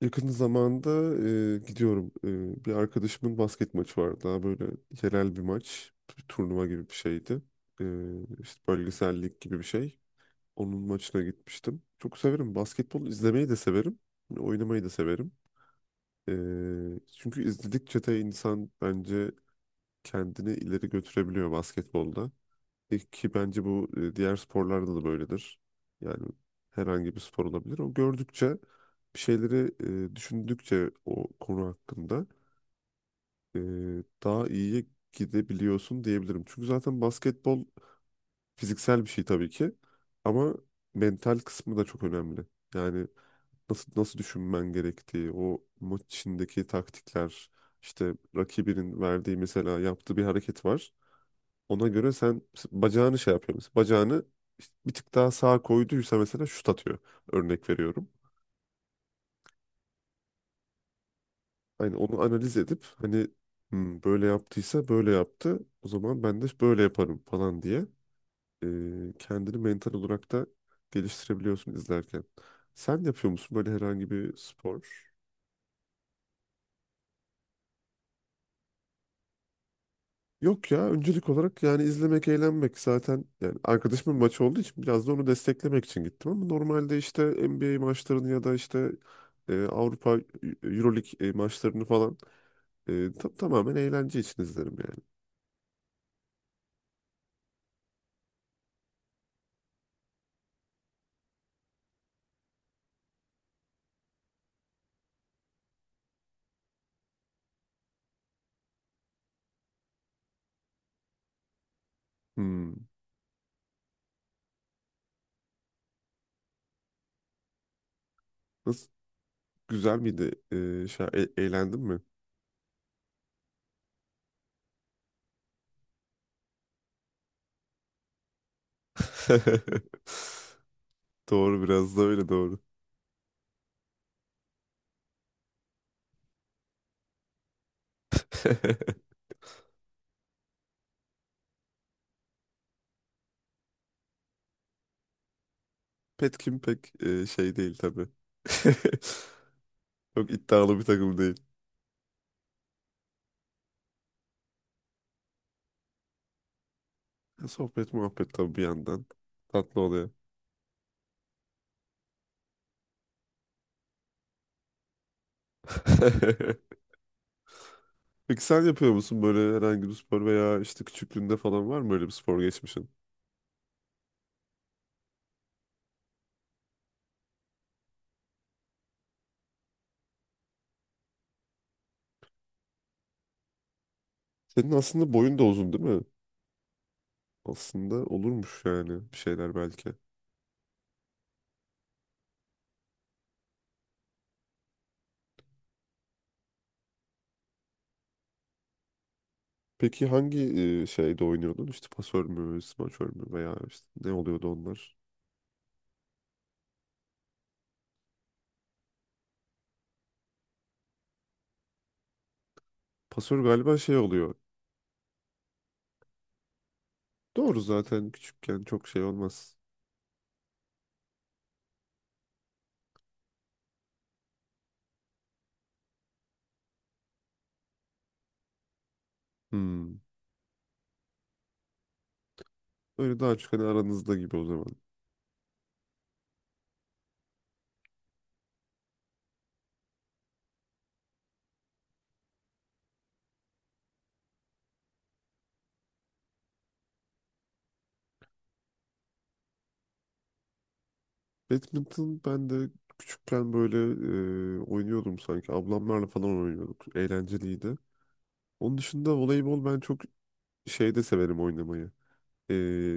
Yakın zamanda gidiyorum. Bir arkadaşımın basket maçı vardı. Daha böyle yerel bir maç. Bir turnuva gibi bir şeydi. E, işte bölgesel lig gibi bir şey. Onun maçına gitmiştim. Çok severim. Basketbol izlemeyi de severim. Hani oynamayı da severim. E, Çünkü izledikçe de insan bence kendini ileri götürebiliyor basketbolda. Ki bence bu diğer sporlarda da böyledir. Yani herhangi bir spor olabilir. O gördükçe bir şeyleri düşündükçe o konu hakkında e, daha iyiye gidebiliyorsun diyebilirim. Çünkü zaten basketbol fiziksel bir şey tabii ki ama mental kısmı da çok önemli. Yani nasıl düşünmen gerektiği, o maç içindeki taktikler, işte rakibinin verdiği, mesela yaptığı bir hareket var. Ona göre sen, bacağını şey yapıyor. Mesela bacağını işte bir tık daha sağa koyduysa mesela şut atıyor. Örnek veriyorum. Hani onu analiz edip hani, "Hmm, böyle yaptıysa böyle yaptı. O zaman ben de böyle yaparım," falan diye e, kendini mental olarak da geliştirebiliyorsun izlerken. Sen yapıyor musun böyle herhangi bir spor? Yok ya, öncelik olarak yani izlemek, eğlenmek. Zaten yani arkadaşımın maçı olduğu için biraz da onu desteklemek için gittim, ama normalde işte NBA maçlarını ya da işte Avrupa Euroleague maçlarını falan tamamen eğlence için izlerim yani. Hmm. Nasıl, güzel miydi? Şey, eğlendin mi? Doğru, biraz da öyle, doğru. Petkim pek şey değil tabii. Çok iddialı bir takım. Sohbet muhabbet tabii bir yandan. Tatlı oluyor. Peki sen yapıyor musun böyle herhangi bir spor, veya işte küçüklüğünde falan var mı öyle bir spor geçmişin? Senin aslında boyun da uzun değil mi? Aslında olurmuş yani, bir şeyler belki. Peki hangi şeyde oynuyordun? İşte pasör mü, smaçör mü, veya işte ne oluyordu onlar? Pasör galiba şey oluyor. Doğru, zaten küçükken çok şey olmaz. Hmm. Öyle daha çok hani aranızda gibi o zaman. Badminton ben de küçükken böyle oynuyordum sanki. Ablamlarla falan oynuyorduk. Eğlenceliydi. Onun dışında voleybol ben çok şeyde severim oynamayı. E,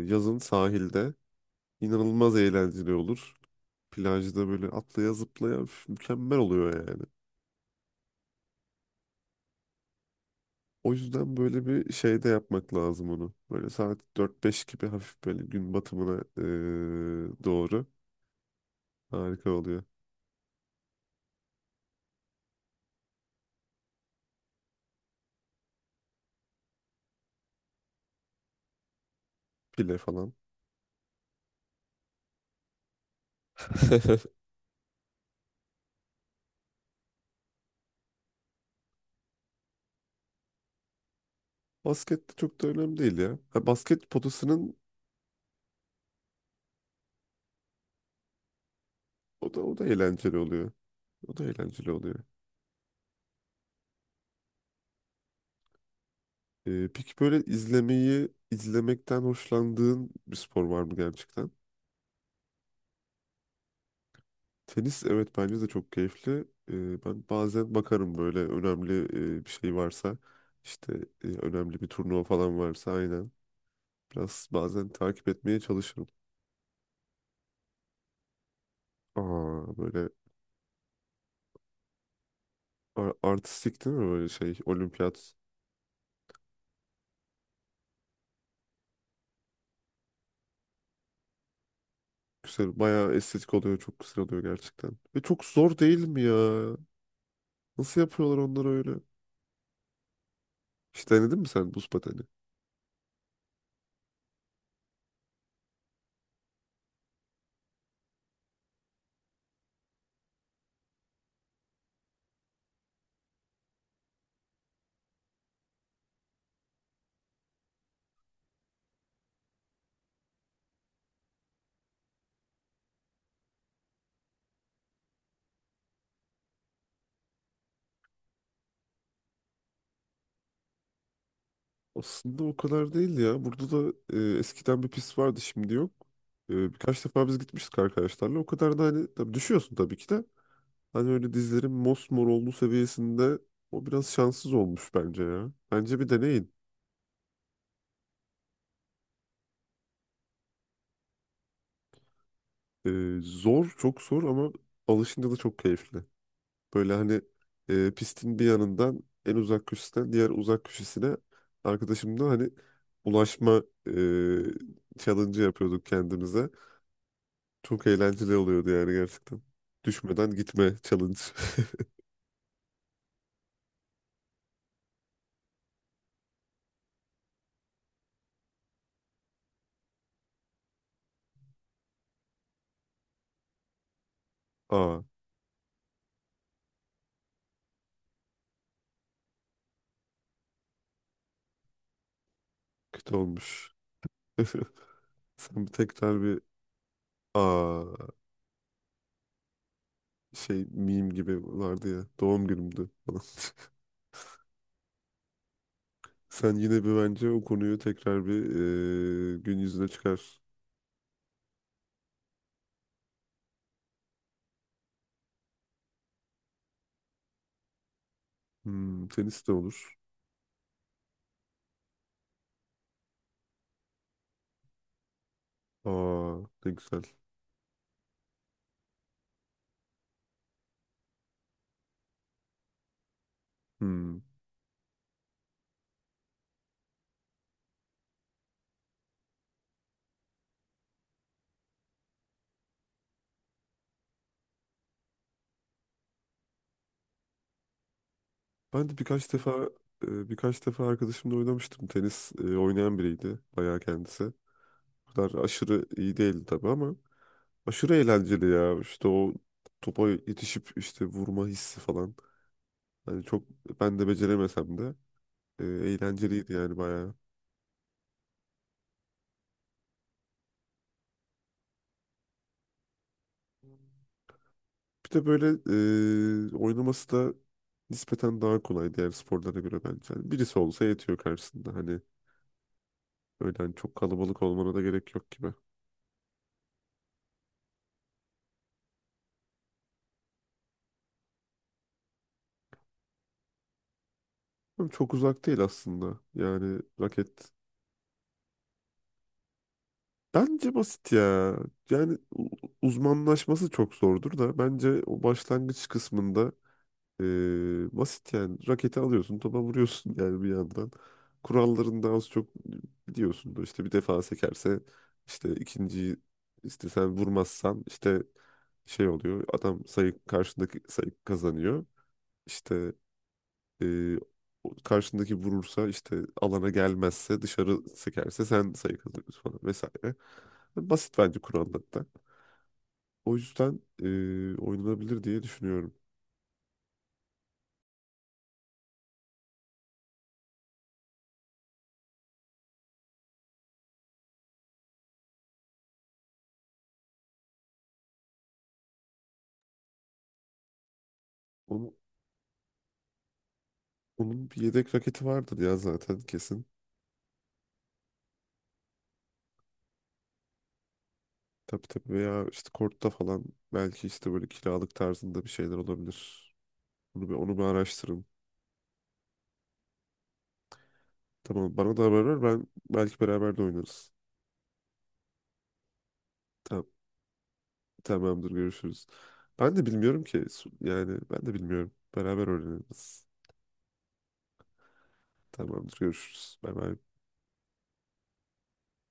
Yazın sahilde inanılmaz eğlenceli olur. Plajda böyle atlaya zıplaya, üf, mükemmel oluyor yani. O yüzden böyle bir şeyde yapmak lazım onu. Böyle saat dört beş gibi hafif, böyle gün batımına doğru harika oluyor. Pile falan. Basket de çok da önemli değil ya. Ha, basket potasının. O da, o da eğlenceli oluyor. O da eğlenceli oluyor. Peki böyle izlemeyi, izlemekten hoşlandığın bir spor var mı gerçekten? Tenis, evet, bence de çok keyifli. Ben bazen bakarım böyle önemli bir şey varsa, işte önemli bir turnuva falan varsa, aynen biraz bazen takip etmeye çalışırım. Aa böyle, artistik değil mi böyle şey olimpiyat. Güzel, bayağı estetik oluyor, çok güzel oluyor gerçekten. Ve çok zor değil mi ya? Nasıl yapıyorlar onları öyle? Hiç denedin mi sen buz pateni? Aslında o kadar değil ya. Burada da eskiden bir pist vardı, şimdi yok. Birkaç defa biz gitmiştik arkadaşlarla. O kadar da, hani tabii düşüyorsun tabii ki de. Hani öyle dizlerin mosmor olduğu seviyesinde, o biraz şanssız olmuş bence ya. Bence bir deneyin. E, Zor, çok zor, ama alışınca da çok keyifli. Böyle hani pistin bir yanından, en uzak köşesinden diğer uzak köşesine arkadaşımla hani ulaşma challenge yapıyorduk kendimize. Çok eğlenceli oluyordu yani, gerçekten. Düşmeden gitme challenge. Aa, kötü olmuş. Sen bir tekrar bir, aa, şey, meme gibi vardı ya, doğum günümdü falan. Sen yine bir, bence o konuyu tekrar bir gün yüzüne çıkar. Hmm, tenis de olur. Aa, ne güzel. Hmm. Ben de birkaç defa birkaç defa arkadaşımla oynamıştım. Tenis oynayan biriydi bayağı kendisi. O kadar aşırı iyi değildi tabii, ama aşırı eğlenceli ya. İşte o topa yetişip işte vurma hissi falan. Hani çok, ben de beceremesem de eğlenceliydi yani bayağı. Bir de böyle oynaması da nispeten daha kolay diğer sporlara göre bence. Hani birisi olsa yetiyor karşısında. Hani öyle, hani çok kalabalık olmana da gerek yok gibi. Ama çok uzak değil aslında. Yani raket bence basit ya. Yani, uzmanlaşması çok zordur da, bence o başlangıç kısmında basit yani. Raketi alıyorsun, topa vuruyorsun yani bir yandan. Kurallarını da az çok biliyorsundur. İşte bir defa sekerse, işte ikinciyi işte sen vurmazsan, işte şey oluyor. Adam sayı, karşındaki sayı kazanıyor. İşte e, o, karşındaki vurursa, işte alana gelmezse, dışarı sekerse, sen sayı kazanıyorsun falan vesaire. Basit bence kurallar da. O yüzden oynanabilir diye düşünüyorum. Onu Onun bir yedek raketi vardır ya zaten, kesin. Tabii tabii, veya işte kort'ta falan belki işte böyle kiralık tarzında bir şeyler olabilir. Bunu bir, onu bir araştırın. Tamam, bana da haber ver, ben belki beraber de oynarız. Tamam, tamamdır, görüşürüz. Ben de bilmiyorum ki, yani ben de bilmiyorum. Beraber öğreniriz. Tamamdır, görüşürüz. Bay bay.